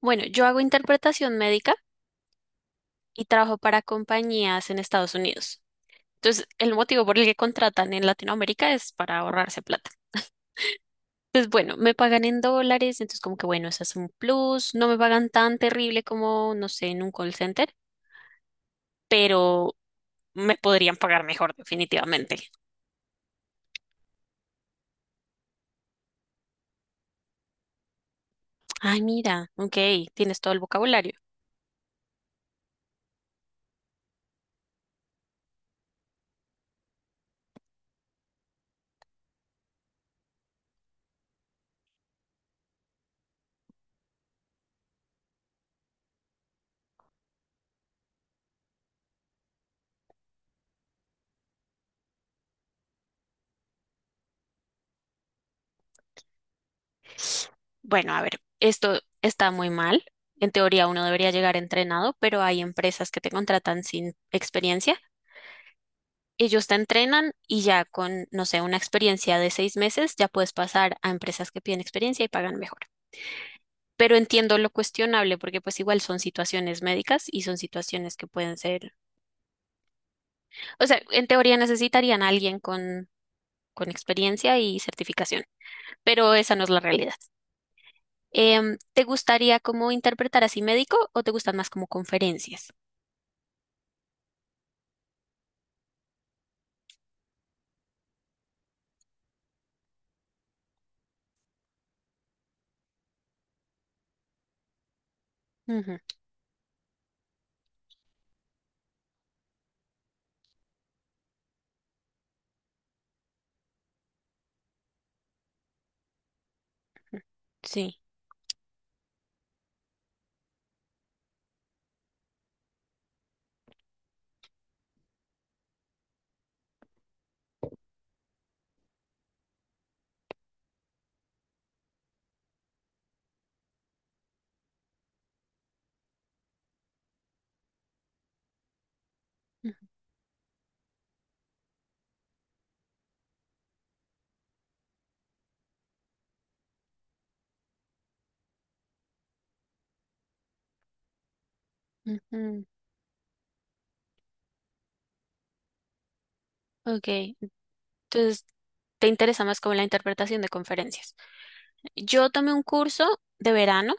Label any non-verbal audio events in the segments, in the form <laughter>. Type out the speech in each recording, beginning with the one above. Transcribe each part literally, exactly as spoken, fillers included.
Bueno, yo hago interpretación médica y trabajo para compañías en Estados Unidos. Entonces, el motivo por el que contratan en Latinoamérica es para ahorrarse plata. Pues bueno, me pagan en dólares, entonces como que bueno, eso es un plus. No me pagan tan terrible como, no sé, en un call center, pero me podrían pagar mejor definitivamente. Ay, mira, ok, tienes todo el vocabulario. Bueno, a ver, esto está muy mal. En teoría uno debería llegar entrenado, pero hay empresas que te contratan sin experiencia Ellos te entrenan y ya con, no sé, una experiencia de seis meses, ya puedes pasar a empresas que piden experiencia y pagan mejor. Pero entiendo lo cuestionable porque pues igual son situaciones médicas y son situaciones que pueden ser, o sea, en teoría necesitarían a alguien con, con experiencia y certificación, pero esa no es la realidad. Em, ¿te gustaría como interpretar así médico o te gustan más como conferencias? Ujú, sí. Ujú, ok, entonces te interesa más como la interpretación de conferencias. Yo tomé un curso de verano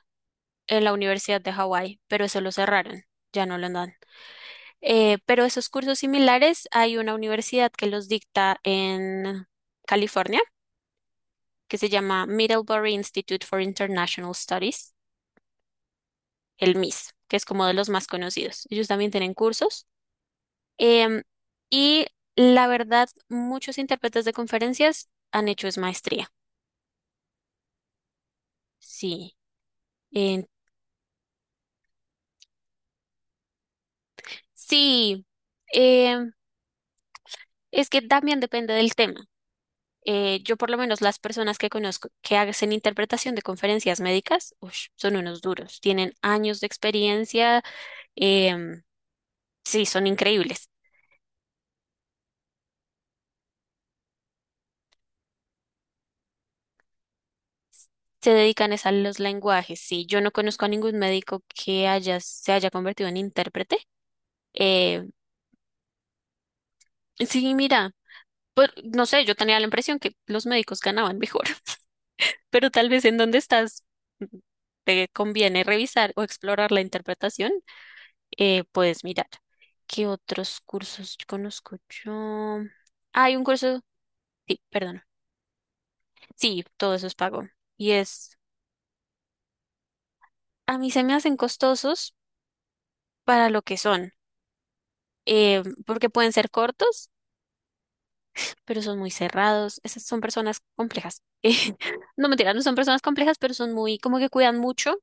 en la Universidad de Hawái, pero eso lo cerraron, ya no lo andan. Eh, pero esos cursos similares hay una universidad que los dicta en California, que se llama Middlebury Institute for International Studies, el M I S, que es como de los más conocidos. Ellos también tienen cursos. Em, y la verdad, muchos intérpretes de conferencias han hecho es maestría. Sí, en- sí, em, es que también depende del tema. Eh, yo por lo menos las personas que conozco que hacen interpretación de conferencias médicas, ush, son unos duros, tienen años de experiencia, em, sí, son increíbles. Se dedican es a los lenguajes. Sí, yo no conozco a ningún médico que haya, se haya convertido en intérprete. Eh, sí, mira, por- no sé, yo tenía la impresión que los médicos ganaban mejor, <laughs> pero tal vez en donde estás te conviene revisar o explorar la interpretación. Eh, puedes mirar. ¿Qué otros cursos conozco yo? Hay un curso, sí, perdón. Sí, todo eso es pago. Y es, a mí se me hacen costosos para lo que son, eh, porque pueden ser cortos, pero son muy cerrados. Esas son personas complejas. <laughs> Eh, no mentira, no son personas complejas, pero son muy, como que cuidan mucho.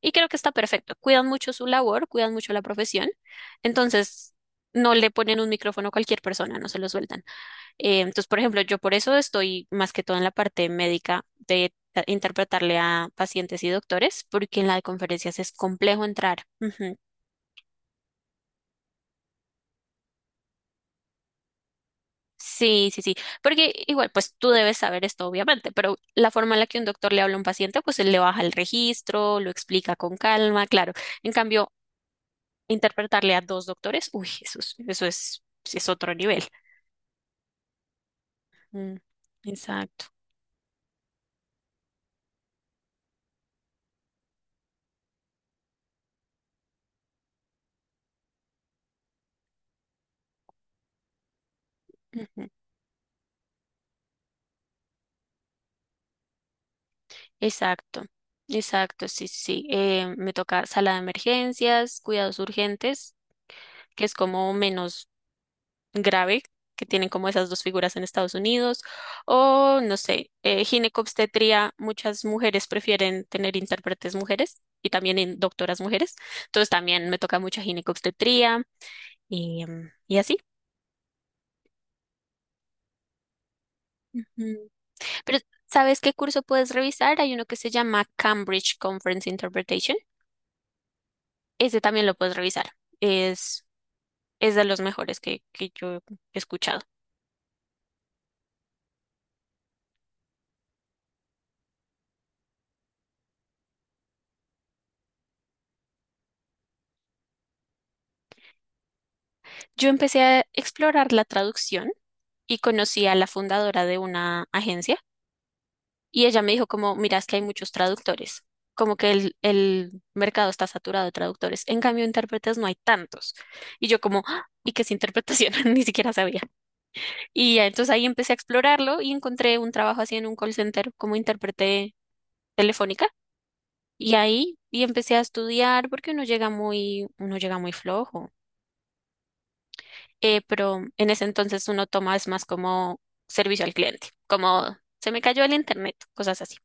Y creo que está perfecto. Cuidan mucho su labor, cuidan mucho la profesión. Entonces, no le ponen un micrófono a cualquier persona, no se lo sueltan. Eh, entonces, por ejemplo, yo por eso estoy más que todo en la parte médica de ta- interpretarle a pacientes y doctores, porque en la de conferencias es complejo entrar. Ujú. Sí, sí, sí, porque igual, pues tú debes saber esto, obviamente, pero la forma en la que un doctor le habla a un paciente, pues él le baja el registro, lo explica con calma, claro. En cambio, interpretarle a dos doctores, uy, eso es, eso es, es otro nivel. Mm, exacto. Exacto, exacto, sí, sí. Sí. Eh, me toca sala de emergencias, cuidados urgentes, que es como menos grave, que tienen como esas dos figuras en Estados Unidos, o no sé, eh, ginecobstetría, muchas mujeres prefieren tener intérpretes mujeres y también en- doctoras mujeres, entonces también me toca mucha ginecobstetría y, em, y así. Ujú. Pero, ¿sabes qué curso puedes revisar? Hay uno que se llama Cambridge Conference Interpretation. Ese también lo puedes revisar. Es es de los mejores que, que yo he escuchado. Yo empecé a explorar la traducción y conocí a la fundadora de una agencia y ella me dijo como, mira, es que hay muchos traductores, como que el, el mercado está saturado de traductores, en cambio intérpretes no hay tantos. Y yo como, "Ah, ¿y qué es interpretación?" <laughs> Ni siquiera sabía. Y ya, entonces ahí empecé a explorarlo y encontré un trabajo así en un call center como intérprete telefónica. Y ahí y empecé a estudiar porque uno llega muy, uno llega muy flojo. Eh, pero en ese entonces uno toma es más como servicio al cliente, como se me cayó el internet, cosas así.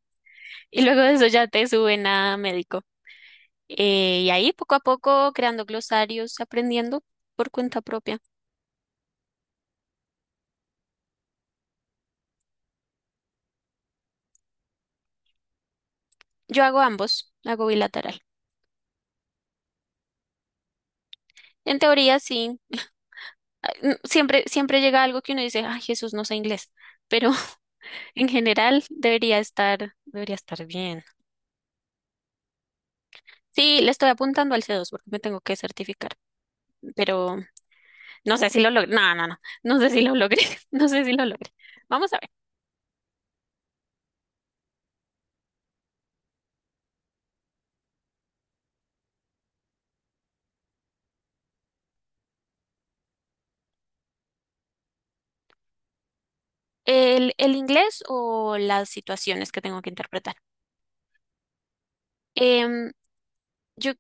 Y luego de eso ya te suben a médico. Eh, y ahí poco a poco creando glosarios, aprendiendo por cuenta propia. Yo hago ambos, hago bilateral. En teoría sí, ah, n- siempre, siempre llega algo que uno dice, ay, Jesús, no sé inglés, pero <laughs> en general debería estar, debería estar bien. Sí, le estoy apuntando al c dos porque me tengo que certificar, pero no sé si lo logré. No, no, no. No sé si lo logré. <laughs> No sé si lo logré. Vamos a ver. El, el inglés o las situaciones que tengo que interpretar. Em, yo,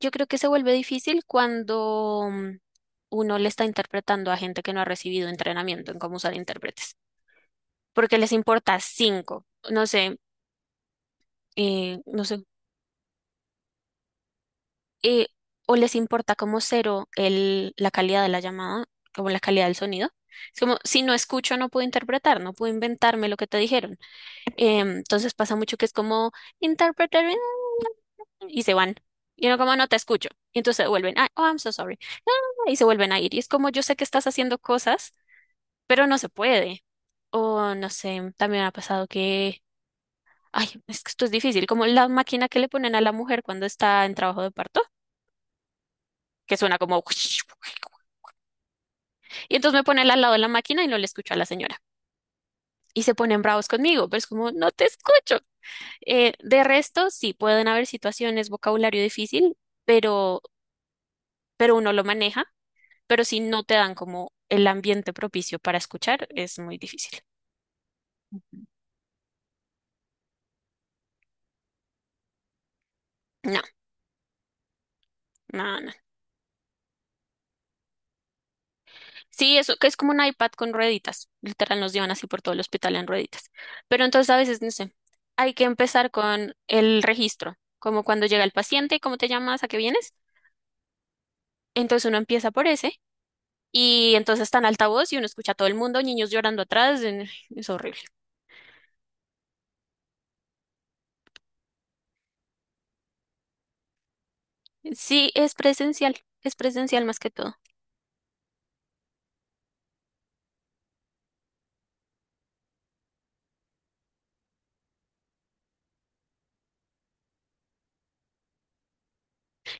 yo creo que se vuelve difícil cuando mm, uno le está interpretando a gente que no ha recibido entrenamiento en cómo usar intérpretes. Porque les importa cinco. No sé, eh, no sé. eh, o les importa como cero el, la calidad de la llamada, como la calidad del sonido. Es como, si no escucho, no puedo interpretar, no puedo inventarme lo que te dijeron. Em, entonces pasa mucho que es como "interpreter eh", y se van. Y no, como no te escucho. Y entonces se vuelven, "Ah, oh, I'm so sorry." ah, Y se vuelven a ir. Y es como yo sé que estás haciendo cosas, pero no se puede. O no sé, también ha pasado que, ay, es que esto es difícil, como la máquina que le ponen a la mujer cuando está en trabajo de parto, que suena como... <laughs> Y entonces me ponen al lado de la máquina y no le escucho a la señora. Y se ponen bravos conmigo, pero es como, no te escucho. Eh, de resto, sí, pueden haber situaciones, vocabulario difícil, pero pero uno lo maneja, pero si no te dan como el ambiente propicio para escuchar, es muy difícil. No, no, no. Sí, eso que es como un iPad con rueditas. Literal nos llevan así por todo el hospital en rueditas. Pero entonces a veces, no sé, hay que empezar con el registro, como cuando llega el paciente, cómo te llamas, a qué vienes. Entonces uno empieza por ese y entonces está en altavoz y uno escucha a todo el mundo, niños llorando atrás, en- es horrible. Sí, es presencial, es presencial más que todo.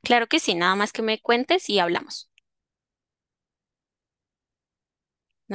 Claro que sí, nada más que me cuentes y hablamos.